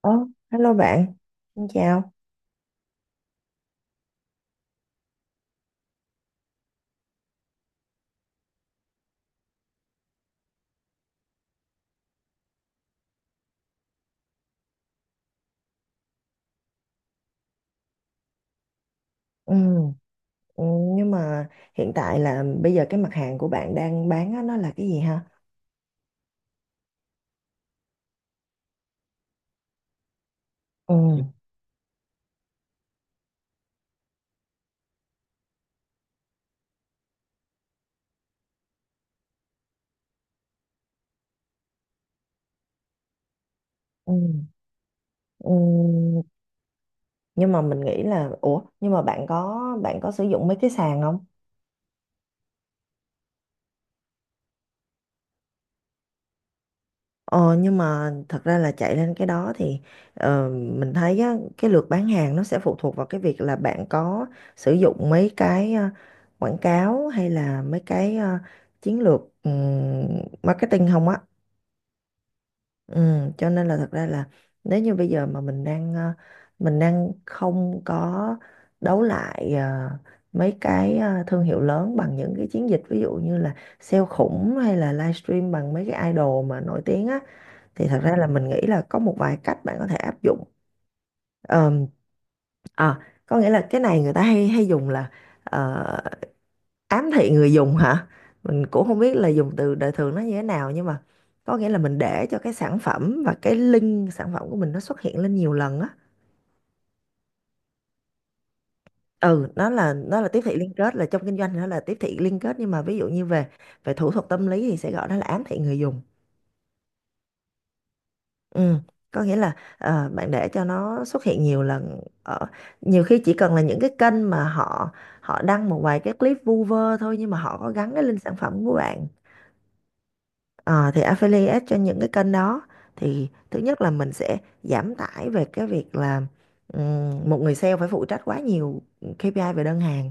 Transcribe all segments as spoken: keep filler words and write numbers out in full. Ờ, Hello bạn, xin chào. Ừ, ừ, nhưng mà hiện tại là bây giờ cái mặt hàng của bạn đang bán á, nó là cái gì ha? Ừ, ừ, ừ. Nhưng mà mình nghĩ là, ủa, nhưng mà bạn có bạn có sử dụng mấy cái sàn không? Ờ, nhưng mà thật ra là chạy lên cái đó thì ờ, mình thấy á, cái lượt bán hàng nó sẽ phụ thuộc vào cái việc là bạn có sử dụng mấy cái ờ, quảng cáo hay là mấy cái ờ, chiến lược ừm, marketing không á. Ừ, cho nên là thật ra là nếu như bây giờ mà mình đang ờ, mình đang không có đấu lại ờ, mấy cái ờ, thương hiệu lớn bằng những cái chiến dịch ví dụ như là sale khủng hay là livestream bằng mấy cái idol mà nổi tiếng á thì thật ra là mình nghĩ là có một vài cách bạn có thể áp dụng. Ờm, À, có nghĩa là cái này người ta hay hay dùng là ờ, ám thị người dùng hả, mình cũng không biết là dùng từ đời thường nó như thế nào, nhưng mà có nghĩa là mình để cho cái sản phẩm và cái link sản phẩm của mình nó xuất hiện lên nhiều lần á. Ừ, nó là nó là tiếp thị liên kết, là trong kinh doanh thì nó là tiếp thị liên kết, nhưng mà ví dụ như về về thủ thuật tâm lý thì sẽ gọi đó là ám thị người dùng. Ừ, có nghĩa là ờ, bạn để cho nó xuất hiện nhiều lần ở nhiều khi chỉ cần là những cái kênh mà họ họ đăng một vài cái clip vu vơ thôi, nhưng mà họ có gắn cái link sản phẩm của bạn. Ờ, thì affiliate cho những cái kênh đó thì thứ nhất là mình sẽ giảm tải về cái việc là ừm, một người sale phải phụ trách quá nhiều ca pê i về đơn hàng.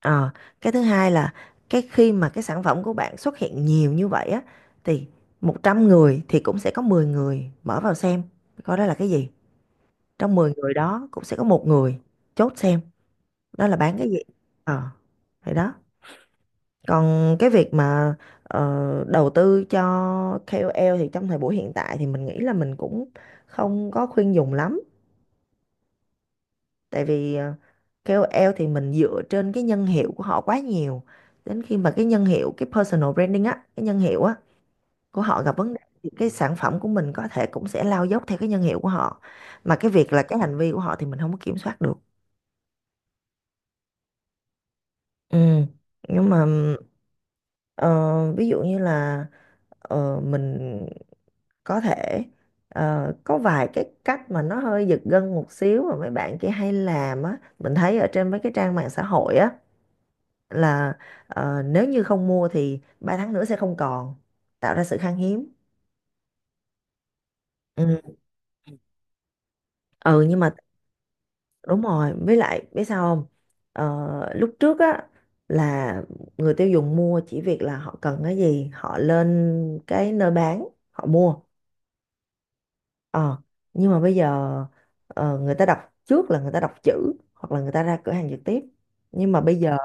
Ờ, cái thứ hai là cái khi mà cái sản phẩm của bạn xuất hiện nhiều như vậy á thì một trăm người thì cũng sẽ có mười người mở vào xem coi đó là cái gì. Trong mười người đó cũng sẽ có một người chốt xem đó là bán cái gì. Ờ, thì đó. Còn cái việc mà ờ, đầu tư cho ca ô lờ thì trong thời buổi hiện tại thì mình nghĩ là mình cũng không có khuyên dùng lắm. Tại vì ờ, ca ô lờ thì mình dựa trên cái nhân hiệu của họ quá nhiều. Đến khi mà cái nhân hiệu, cái personal branding á, cái nhân hiệu á của họ gặp vấn đề thì cái sản phẩm của mình có thể cũng sẽ lao dốc theo cái nhân hiệu của họ. Mà cái việc là cái hành vi của họ thì mình không có kiểm soát được. Ừ. Nhưng mà ờ, ví dụ như là ờ, mình có thể ờ, có vài cái cách mà nó hơi giật gân một xíu mà mấy bạn kia hay làm á, mình thấy ở trên mấy cái trang mạng xã hội á, là ờ, nếu như không mua thì ba tháng nữa sẽ không còn, tạo ra sự khan hiếm. Ừ. Ừ, nhưng mà đúng rồi, với lại biết sao không. Ờ, lúc trước á, là người tiêu dùng mua chỉ việc là họ cần cái gì họ lên cái nơi bán họ mua. Ờ, nhưng mà bây giờ ờ, người ta đọc, trước là người ta đọc chữ hoặc là người ta ra cửa hàng trực tiếp. Nhưng mà bây giờ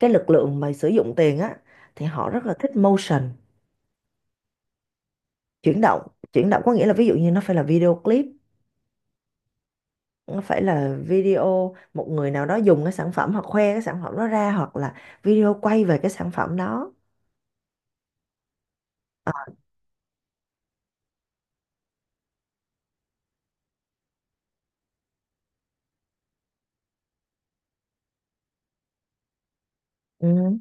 cái lực lượng mà sử dụng tiền á thì họ rất là thích motion, chuyển động. Chuyển động có nghĩa là ví dụ như nó phải là video clip, nó phải là video một người nào đó dùng cái sản phẩm hoặc khoe cái sản phẩm đó ra hoặc là video quay về cái sản phẩm đó. Ừ,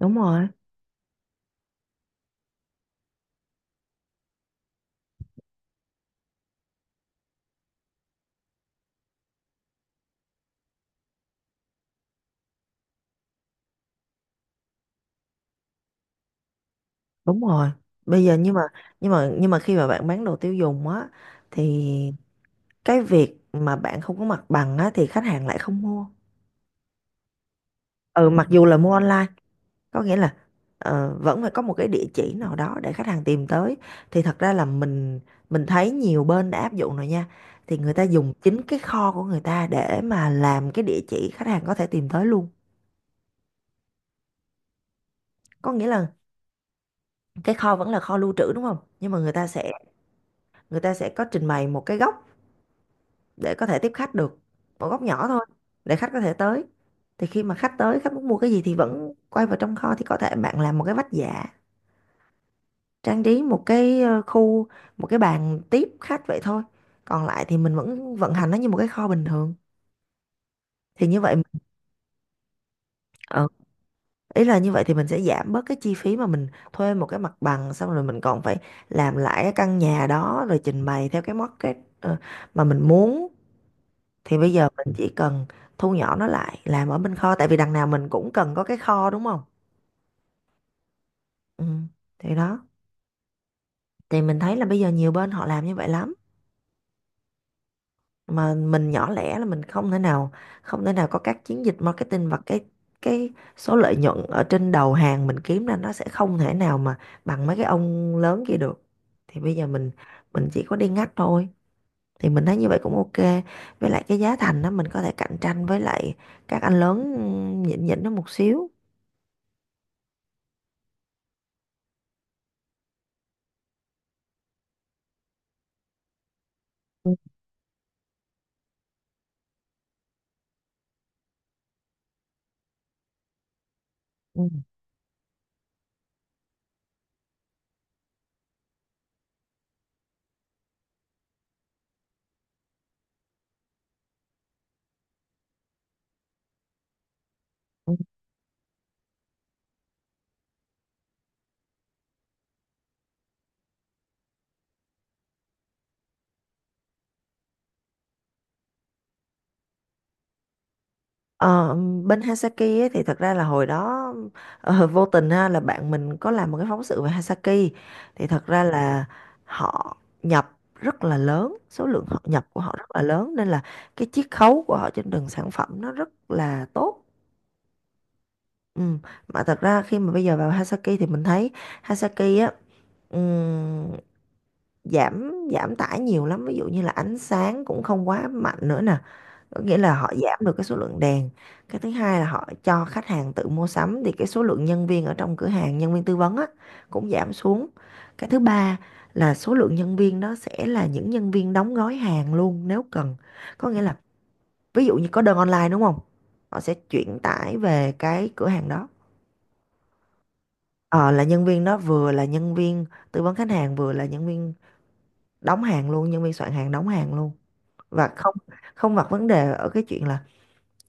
đúng rồi, đúng rồi. Bây giờ nhưng mà nhưng mà nhưng mà khi mà bạn bán đồ tiêu dùng á thì cái việc mà bạn không có mặt bằng á, thì khách hàng lại không mua, ừ, mặc dù là mua online, có nghĩa là ờ, vẫn phải có một cái địa chỉ nào đó để khách hàng tìm tới. Thì thật ra là mình mình thấy nhiều bên đã áp dụng rồi nha, thì người ta dùng chính cái kho của người ta để mà làm cái địa chỉ khách hàng có thể tìm tới luôn. Có nghĩa là cái kho vẫn là kho lưu trữ đúng không, nhưng mà người ta sẽ người ta sẽ có trình bày một cái góc để có thể tiếp khách được, một góc nhỏ thôi, để khách có thể tới. Thì khi mà khách tới khách muốn mua cái gì thì vẫn quay vào trong kho, thì có thể bạn làm một cái vách dạ, trang trí một cái ờ, khu, một cái bàn tiếp khách vậy thôi, còn lại thì mình vẫn vận hành nó như một cái kho bình thường. Thì như vậy, ờ, ý là như vậy thì mình sẽ giảm bớt cái chi phí mà mình thuê một cái mặt bằng xong rồi mình còn phải làm lại cái căn nhà đó rồi trình bày theo cái market ờ, mà mình muốn. Thì bây giờ mình chỉ cần thu nhỏ nó lại làm ở bên kho, tại vì đằng nào mình cũng cần có cái kho đúng không. Ừ, thì đó, thì mình thấy là bây giờ nhiều bên họ làm như vậy lắm, mà mình nhỏ lẻ là mình không thể nào không thể nào có các chiến dịch marketing và cái cái số lợi nhuận ở trên đầu hàng mình kiếm ra nó sẽ không thể nào mà bằng mấy cái ông lớn kia được. Thì bây giờ mình mình chỉ có đi ngách thôi, thì mình thấy như vậy cũng ok, với lại cái giá thành đó mình có thể cạnh tranh với lại các anh lớn, ừ, nhỉnh nhỉnh nó một xíu. Ừ. Ờ, bên Hasaki ấy, thì thật ra là hồi đó ờ, vô tình ha, là bạn mình có làm một cái phóng sự về Hasaki, thì thật ra là họ nhập rất là lớn, số lượng họ nhập của họ rất là lớn nên là cái chiết khấu của họ trên từng sản phẩm nó rất là tốt. Ừ. Mà thật ra khi mà bây giờ vào Hasaki thì mình thấy Hasaki á, ừm, giảm giảm tải nhiều lắm, ví dụ như là ánh sáng cũng không quá mạnh nữa nè, có nghĩa là họ giảm được cái số lượng đèn. Cái thứ hai là họ cho khách hàng tự mua sắm, thì cái số lượng nhân viên ở trong cửa hàng, nhân viên tư vấn á, cũng giảm xuống. Cái thứ ba là số lượng nhân viên đó sẽ là những nhân viên đóng gói hàng luôn nếu cần, có nghĩa là ví dụ như có đơn online đúng không, họ sẽ chuyển tải về cái cửa hàng đó. Ờ, là nhân viên đó vừa là nhân viên tư vấn khách hàng vừa là nhân viên đóng hàng luôn, nhân viên soạn hàng đóng hàng luôn. Và không không gặp vấn đề ở cái chuyện là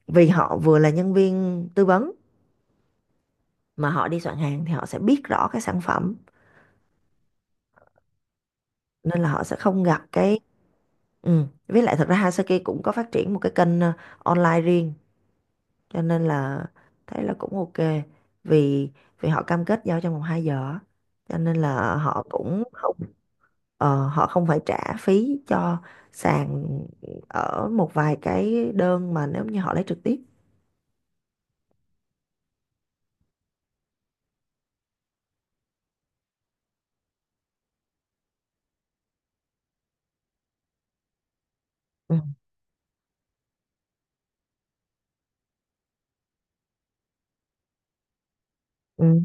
vì họ vừa là nhân viên tư vấn mà họ đi soạn hàng thì họ sẽ biết rõ cái sản phẩm, nên là họ sẽ không gặp cái, ừ. Với lại thật ra Hasaki cũng có phát triển một cái kênh ờ, online riêng, cho nên là thấy là cũng ok, vì vì họ cam kết giao trong vòng hai giờ á. Cho nên là họ cũng không, ờ, họ không phải trả phí cho sàn ở một vài cái đơn mà nếu như họ lấy trực tiếp. Ừ. Ừ.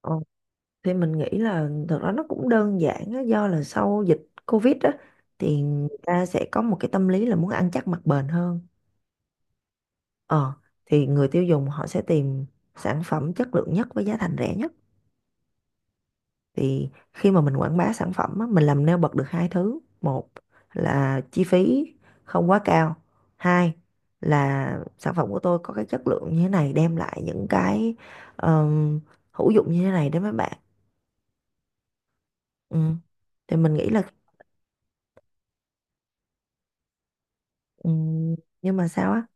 Ok. Thì mình nghĩ là thật ra nó cũng đơn giản á, do là sau dịch Covid á thì người ta sẽ có một cái tâm lý là muốn ăn chắc mặc bền hơn. Ờ, thì người tiêu dùng họ sẽ tìm sản phẩm chất lượng nhất với giá thành rẻ nhất. Thì khi mà mình quảng bá sản phẩm á, mình làm nêu bật được hai thứ: một là chi phí không quá cao, hai là sản phẩm của tôi có cái chất lượng như thế này, đem lại những cái ờm, hữu dụng như thế này đến với bạn. Ừ, thì mình nghĩ là. Ừ, nhưng mà sao á.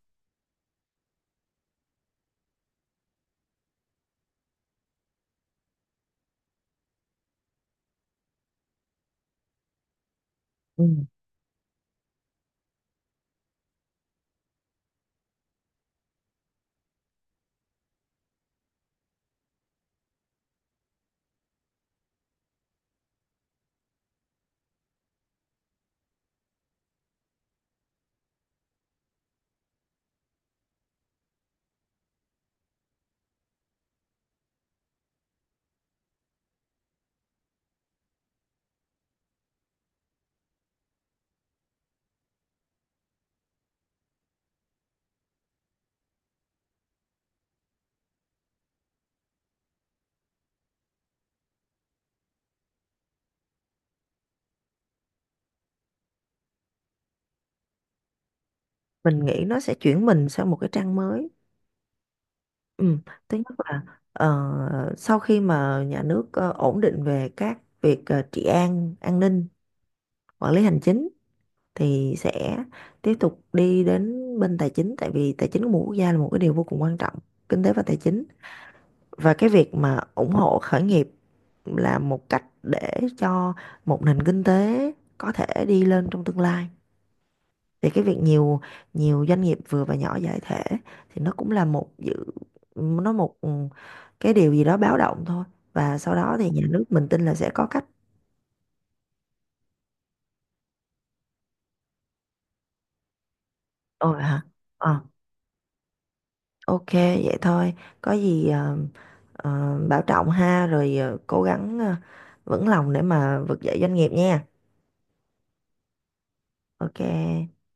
Ừ, mình nghĩ nó sẽ chuyển mình sang một cái trang mới. Ừ. Thứ nhất là ờ, sau khi mà nhà nước ờ, ổn định về các việc ờ, trị an an ninh, quản lý hành chính thì sẽ tiếp tục đi đến bên tài chính, tại vì tài chính của một quốc gia là một cái điều vô cùng quan trọng, kinh tế và tài chính. Và cái việc mà ủng hộ khởi nghiệp là một cách để cho một nền kinh tế có thể đi lên trong tương lai. Thì cái việc nhiều nhiều doanh nghiệp vừa và nhỏ giải thể thì nó cũng là một dự, nó một, ừ, cái điều gì đó báo động thôi, và sau đó thì nhà nước mình tin là sẽ có cách. Ôi hả? ờ ok, vậy thôi. Có gì ờ, ờ, bảo trọng ha, rồi ờ, cố gắng ờ, vững lòng để mà vực dậy doanh nghiệp nha. Ok.